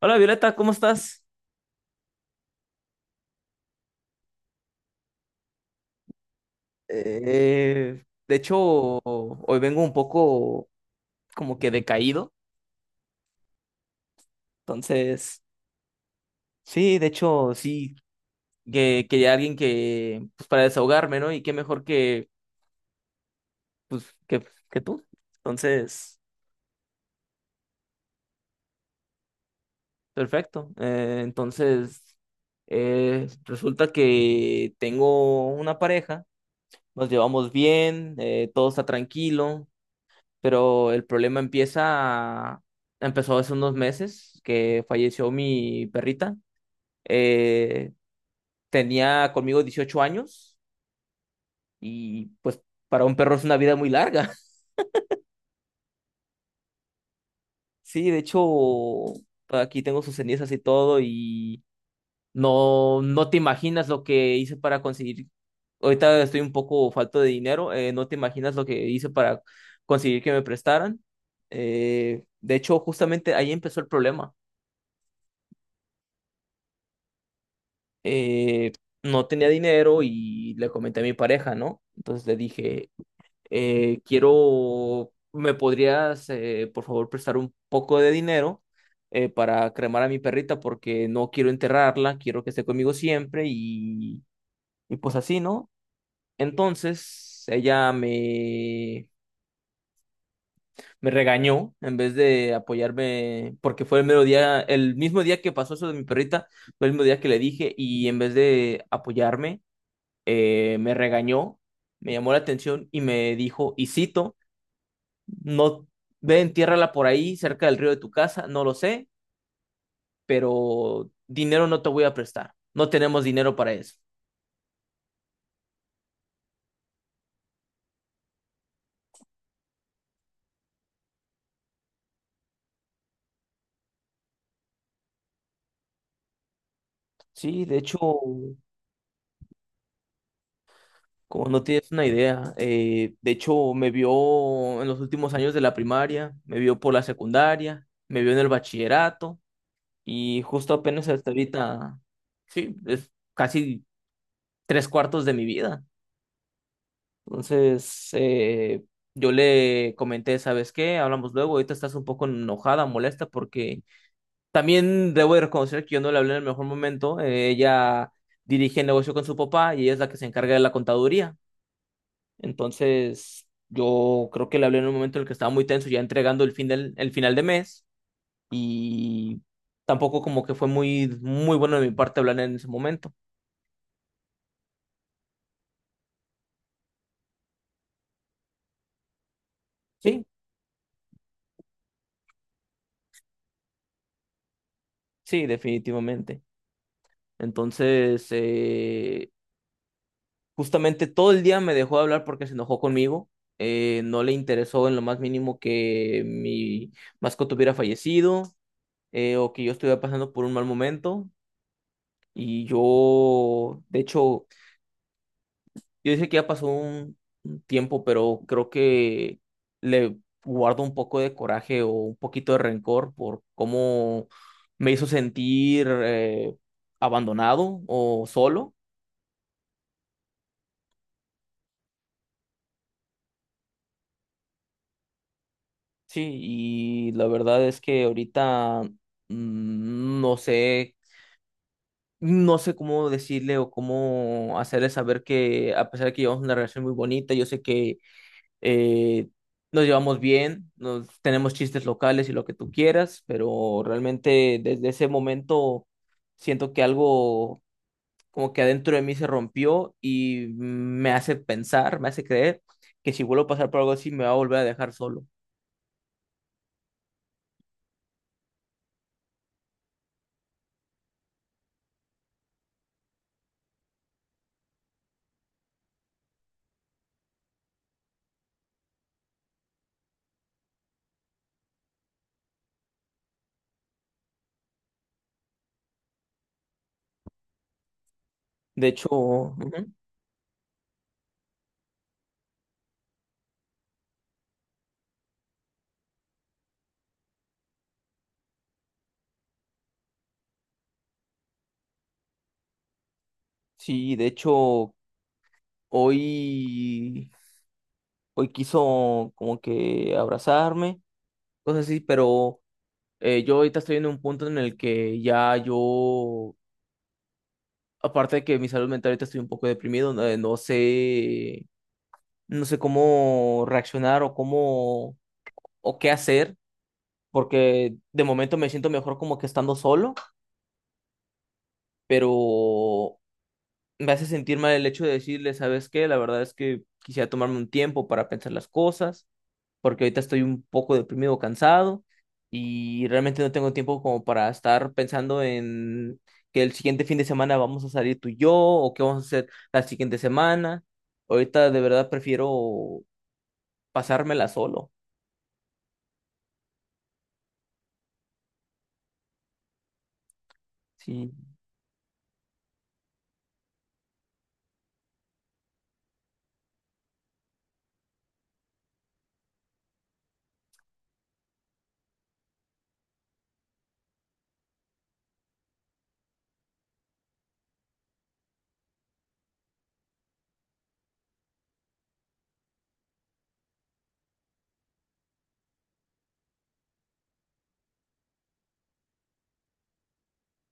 Hola Violeta, ¿cómo estás? De hecho, hoy vengo un poco como que decaído. Entonces, sí, de hecho, sí, que quería alguien que, pues para desahogarme, ¿no? Y qué mejor que, pues, que tú. Entonces, perfecto. Resulta que tengo una pareja, nos llevamos bien, todo está tranquilo, pero el problema empezó hace unos meses que falleció mi perrita. Eh, Tenía conmigo 18 años y pues para un perro es una vida muy larga. Sí, de hecho, aquí tengo sus cenizas y todo y no te imaginas lo que hice para conseguir. Ahorita estoy un poco falto de dinero, no te imaginas lo que hice para conseguir que me prestaran. De hecho, justamente ahí empezó el problema. eh, no tenía dinero y le comenté a mi pareja, ¿no? Entonces le dije, quiero, ¿me podrías, por favor, prestar un poco de dinero, para cremar a mi perrita porque no quiero enterrarla, quiero que esté conmigo siempre y pues así, ¿no? Entonces ella me... Me regañó en vez de apoyarme, porque fue el mero día, el mismo día que pasó eso de mi perrita, fue el mismo día que le dije, y en vez de apoyarme, me regañó, me llamó la atención y me dijo, y cito, no ve, entiérrala por ahí, cerca del río de tu casa, no lo sé, pero dinero no te voy a prestar, no tenemos dinero para eso. Sí, de hecho, como no tienes una idea, de hecho me vio en los últimos años de la primaria, me vio por la secundaria, me vio en el bachillerato y justo apenas hasta ahorita, sí, es casi tres cuartos de mi vida. Entonces, yo le comenté, ¿sabes qué? Hablamos luego, ahorita estás un poco enojada, molesta, porque también debo de reconocer que yo no le hablé en el mejor momento. Ella dirige el negocio con su papá y ella es la que se encarga de la contaduría. Entonces, yo creo que le hablé en un momento en el que estaba muy tenso, ya entregando el final de mes y tampoco como que fue muy, muy bueno de mi parte hablar en ese momento. Sí, sí, definitivamente. Entonces, justamente todo el día me dejó de hablar porque se enojó conmigo. No le interesó en lo más mínimo que mi mascota hubiera fallecido, o que yo estuviera pasando por un mal momento. Y yo, de hecho, yo dije que ya pasó un tiempo, pero creo que le guardo un poco de coraje o un poquito de rencor por cómo me hizo sentir, abandonado o solo. Sí, y la verdad es que ahorita, mm, no sé, no sé cómo decirle o cómo hacerle saber que a pesar de que llevamos una relación muy bonita, yo sé que, eh, nos llevamos bien, tenemos chistes locales y lo que tú quieras, pero realmente desde ese momento siento que algo como que adentro de mí se rompió y me hace pensar, me hace creer que si vuelvo a pasar por algo así me va a volver a dejar solo. De hecho, ujú. Sí, de hecho, hoy, hoy quiso como que abrazarme, cosas así, pero yo ahorita estoy en un punto en el que ya yo, aparte de que mi salud mental ahorita estoy un poco deprimido, no, no sé cómo reaccionar o qué hacer, porque de momento me siento mejor como que estando solo, pero me hace sentir mal el hecho de decirle, ¿sabes qué? La verdad es que quisiera tomarme un tiempo para pensar las cosas porque ahorita estoy un poco deprimido, o cansado y realmente no tengo tiempo como para estar pensando en que el siguiente fin de semana vamos a salir tú y yo o qué vamos a hacer la siguiente semana. Ahorita de verdad prefiero pasármela solo. Sí,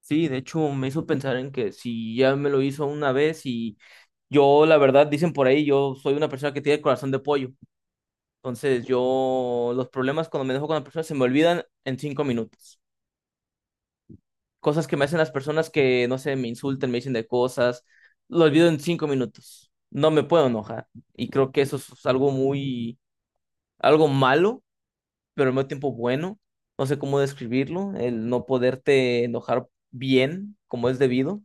sí, de hecho me hizo pensar en que si ya me lo hizo una vez y yo, la verdad, dicen por ahí, yo soy una persona que tiene el corazón de pollo. Entonces yo los problemas cuando me dejo con la persona se me olvidan en 5 minutos. Cosas que me hacen las personas que, no sé, me insultan, me dicen de cosas, lo olvido en 5 minutos. No me puedo enojar. Y creo que eso es algo muy, algo malo, pero al mismo tiempo bueno. No sé cómo describirlo, el no poderte enojar bien como es debido.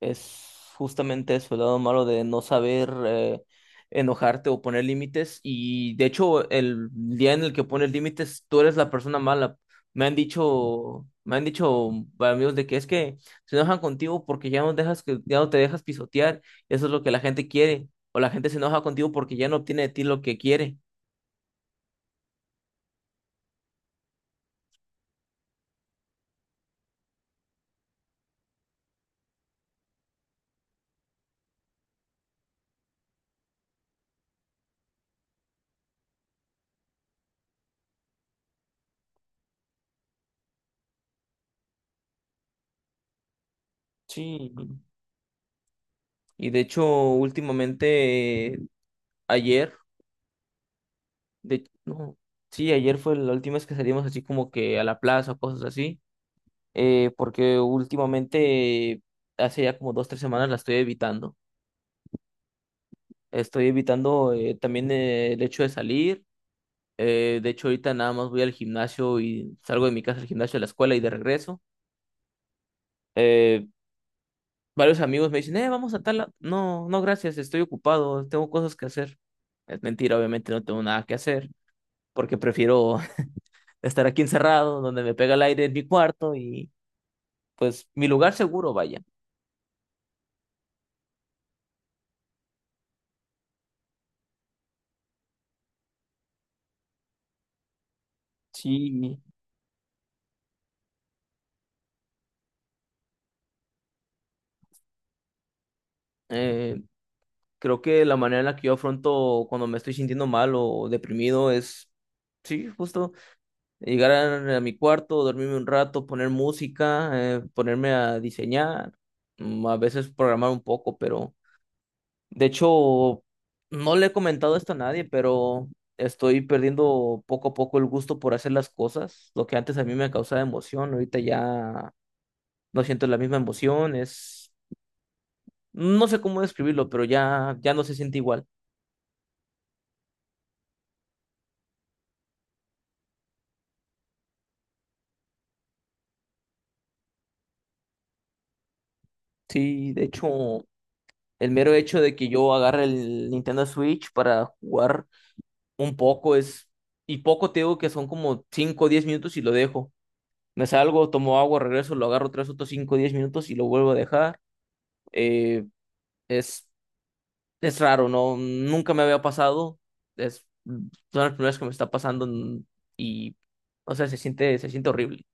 Es justamente eso, el lado malo de no saber, enojarte o poner límites. Y de hecho, el día en el que pones límites, tú eres la persona mala. Me han dicho amigos de que es que se enojan contigo porque ya no te dejas pisotear. Eso es lo que la gente quiere. O la gente se enoja contigo porque ya no obtiene de ti lo que quiere. Sí. Y de hecho, últimamente, ayer, no, sí, ayer fue la última vez que salimos así como que a la plaza o cosas así. Porque últimamente, hace ya como dos, tres semanas la estoy evitando. Estoy evitando, también, el hecho de salir. De hecho, ahorita nada más voy al gimnasio y salgo de mi casa al gimnasio, a la escuela y de regreso. Eh, Varios amigos me dicen, vamos a tal... No, no, gracias, estoy ocupado, tengo cosas que hacer. Es mentira, obviamente no tengo nada que hacer, porque prefiero estar aquí encerrado, donde me pega el aire en mi cuarto y pues mi lugar seguro, vaya. Sí, eh, Creo que la manera en la que yo afronto cuando me estoy sintiendo mal o deprimido es, sí, justo llegar a mi cuarto, dormirme un rato, poner música, ponerme a diseñar, a veces programar un poco, pero de hecho no le he comentado esto a nadie, pero estoy perdiendo poco a poco el gusto por hacer las cosas. Lo que antes a mí me causaba emoción, ahorita ya no siento la misma emoción, no sé cómo describirlo, pero ya no se siente igual. Sí, de hecho. El mero hecho de que yo agarre el Nintendo Switch para jugar un poco y poco te digo que son como 5 o 10 minutos y lo dejo. Me salgo, tomo agua, regreso, lo agarro tres otros 5 o 10 minutos y lo vuelvo a dejar. Eh, es, es raro, ¿no? Nunca me había pasado. Son las primeras que me está pasando, y, o sea, se siente horrible.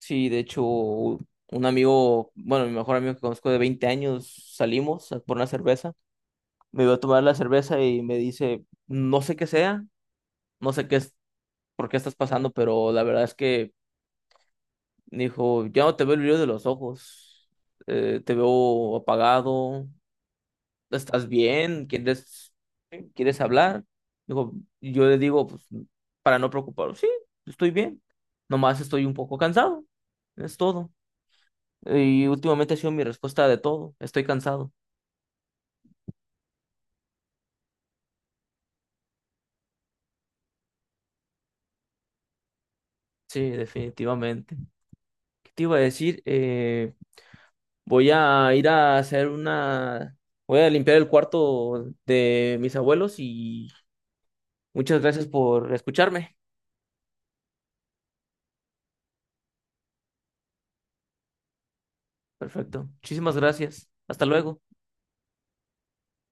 Sí, de hecho, un amigo, bueno, mi mejor amigo que conozco de 20 años, salimos por una cerveza, me iba a tomar la cerveza y me dice, no sé qué sea, no sé qué es, por qué estás pasando, pero la verdad es que me dijo, ya no te veo el brillo de los ojos, te veo apagado, ¿estás bien? ¿Quieres, hablar? Dijo, yo le digo, pues, para no preocupar, sí, estoy bien, nomás estoy un poco cansado, es todo. Y últimamente ha sido mi respuesta de todo, estoy cansado. Sí, definitivamente. ¿Qué te iba a decir? Voy a ir a hacer una... Voy a limpiar el cuarto de mis abuelos y muchas gracias por escucharme. Perfecto. Muchísimas gracias. Hasta luego.